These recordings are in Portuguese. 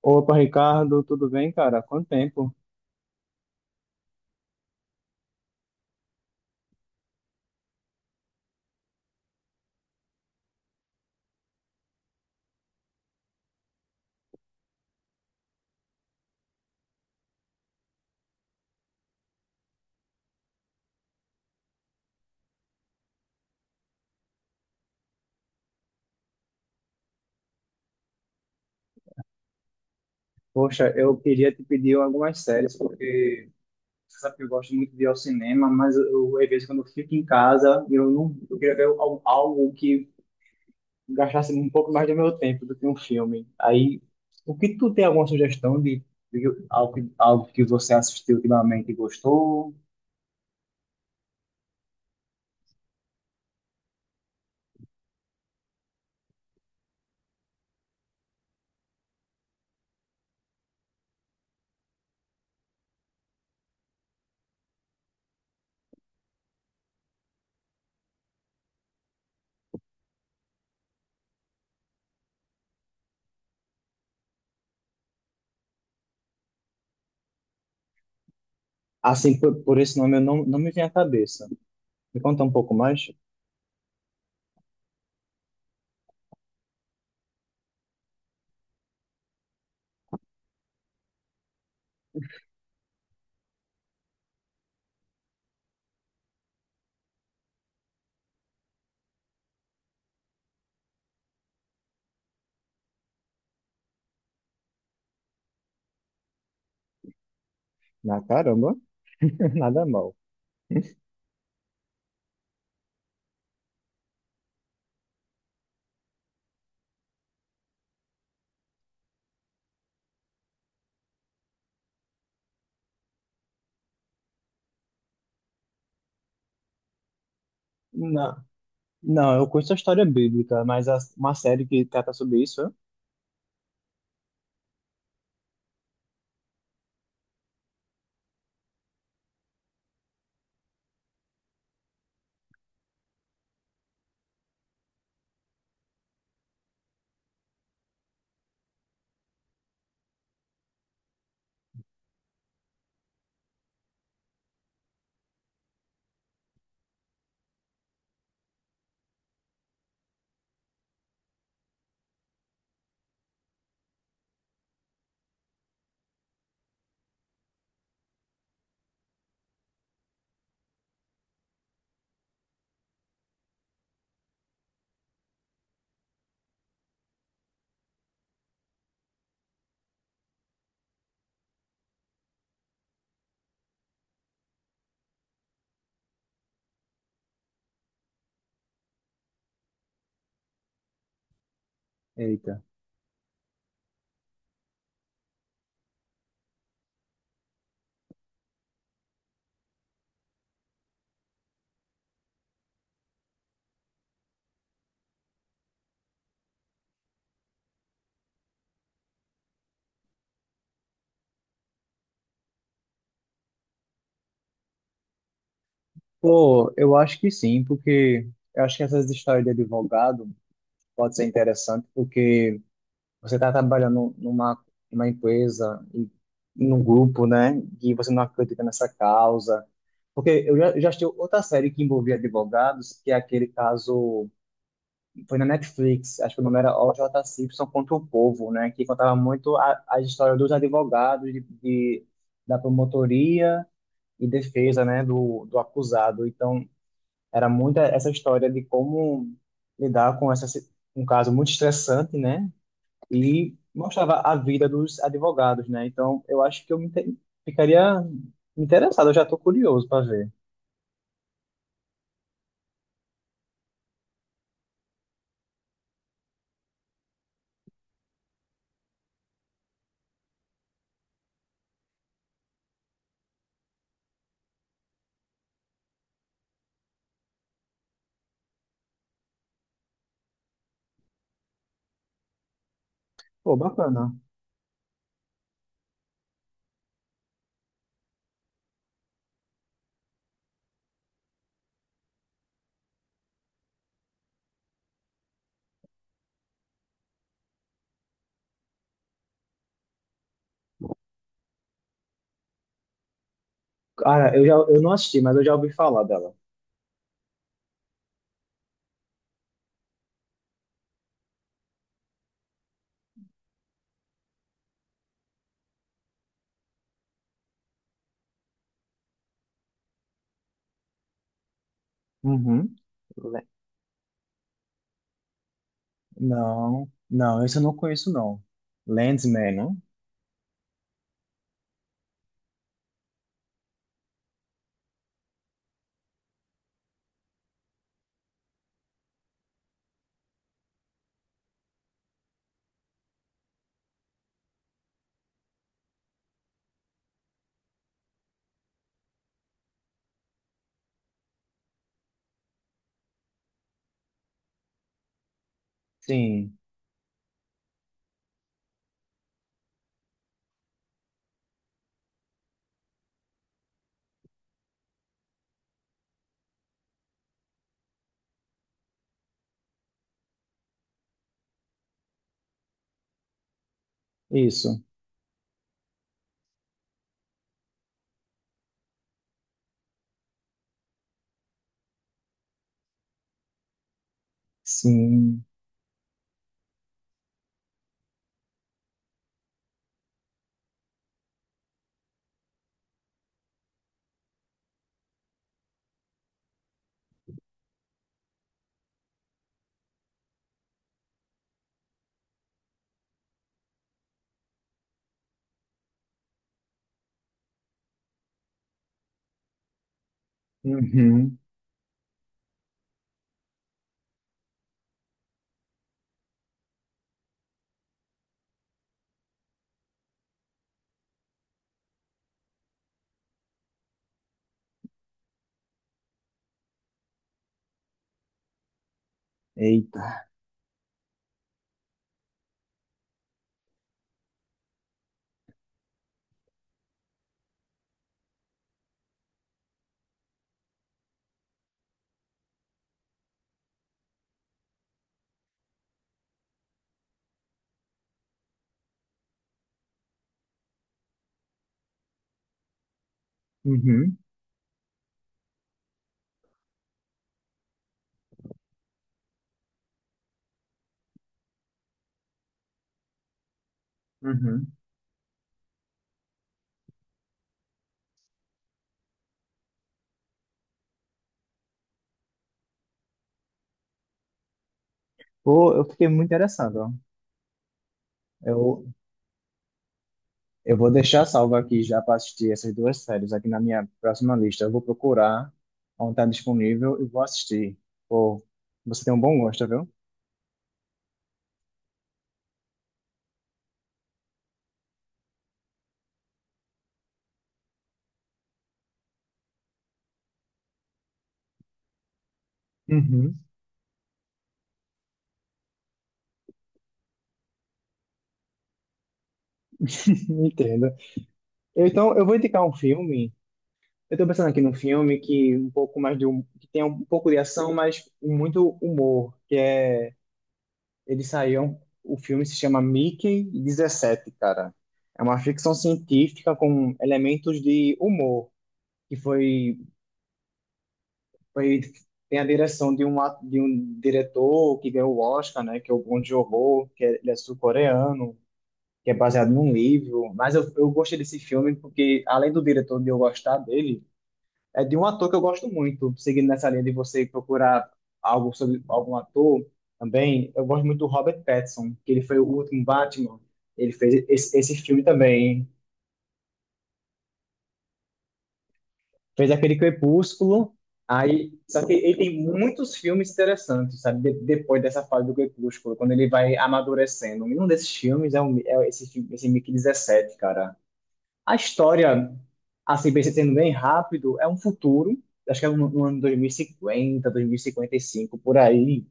Opa, Ricardo, tudo bem, cara? Quanto tempo? Poxa, eu queria te pedir algumas séries, porque você sabe que eu gosto muito de ir ao cinema, mas eu, às vezes quando eu fico em casa, eu não, eu queria ver algo que gastasse um pouco mais do meu tempo do que um filme. Aí, o que tu tem alguma sugestão de algo, algo que você assistiu ultimamente e gostou? Assim, por esse nome eu não me vem à cabeça. Me conta um pouco mais? Na caramba, nada mal. Não, eu conheço a história bíblica, mas uma série que trata sobre isso, é? Eita. Pô, eu acho que sim, porque eu acho que essas histórias de advogado pode ser interessante, porque você está trabalhando numa empresa e num grupo, né, e você não acredita nessa causa. Porque eu já assisti outra série que envolvia advogados, que é aquele caso. Foi na Netflix, acho que o nome era OJ Simpson contra o Povo, né? Que contava muito a história dos advogados, da promotoria e defesa, né? Do acusado. Então, era muito essa história de como lidar com um caso muito estressante, né? E mostrava a vida dos advogados, né? Então, eu acho que eu ficaria interessado, eu já tô curioso para ver. Pô, bacana. Cara, eu não assisti, mas eu já ouvi falar dela. Uhum. Não, não, esse eu não conheço, não. Landsman, não? Sim, isso. Sim. Uhum. Eita. Uhum. Uhum. Pô, eu fiquei muito interessado, ó. Eu, eu vou deixar salvo aqui já para assistir essas duas séries aqui na minha próxima lista. Eu vou procurar onde está disponível e vou assistir. Pô, você tem um bom gosto, viu? Uhum. Entendo. Então, eu vou indicar um filme. Eu tô pensando aqui num filme que um pouco mais de que tem um pouco de ação, mas muito humor, que é ele saiu, o filme se chama Mickey 17, cara. É uma ficção científica com elementos de humor, que foi foi tem a direção de de um diretor que ganhou o Oscar, né, que é o Bong Joon-ho, que é, ele é sul-coreano, que é baseado num livro, mas eu gostei desse filme porque além do diretor de eu gostar dele, é de um ator que eu gosto muito, seguindo nessa linha de você procurar algo sobre algum ator também. Eu gosto muito do Robert Pattinson, que ele foi o último Batman. Ele fez esse filme também. Fez aquele Crepúsculo. Aí, só que ele tem muitos filmes interessantes, sabe? Depois dessa fase do Crepúsculo, quando ele vai amadurecendo. E um desses filmes é, um, é esse, esse Mickey 17, cara. A história, assim, sendo bem rápido, é um futuro, acho que é no ano 2050, 2055 por aí,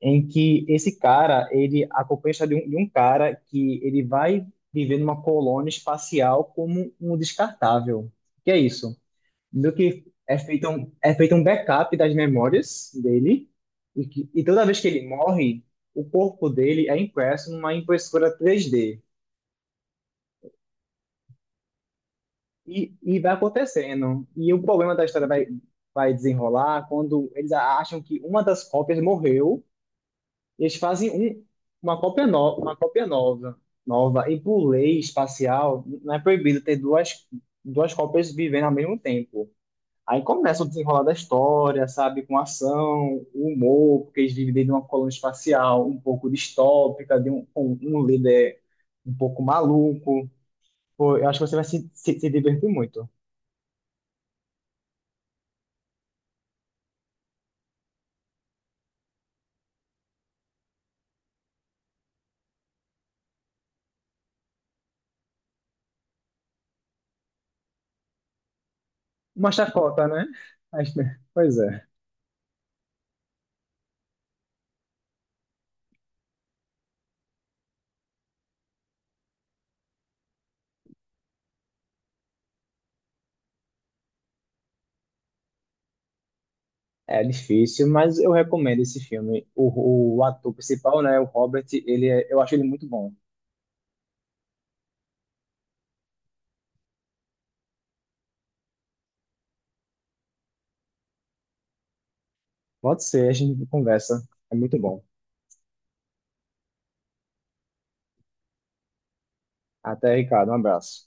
em que esse cara, ele acompanha a história de um cara que ele vai viver numa colônia espacial como um descartável. Que é isso? Do que é feito um backup das memórias dele, e toda vez que ele morre, o corpo dele é impresso numa impressora 3D E vai acontecendo. E o problema da história vai desenrolar quando eles acham que uma das cópias morreu, eles fazem um, uma cópia nova, nova. E por lei espacial, não é proibido ter duas cópias vivendo ao mesmo tempo. Aí começa o desenrolar da história, sabe? Com ação, humor, porque eles vivem dentro de uma colônia espacial um pouco distópica, de um líder um pouco maluco. Pô, eu acho que você vai se divertir muito. Uma chacota, né? Mas, né? Pois é. É difícil, mas eu recomendo esse filme. O ator principal, né, o Robert, eu acho ele muito bom. Pode ser, a gente conversa. É muito bom. Até, Ricardo, um abraço.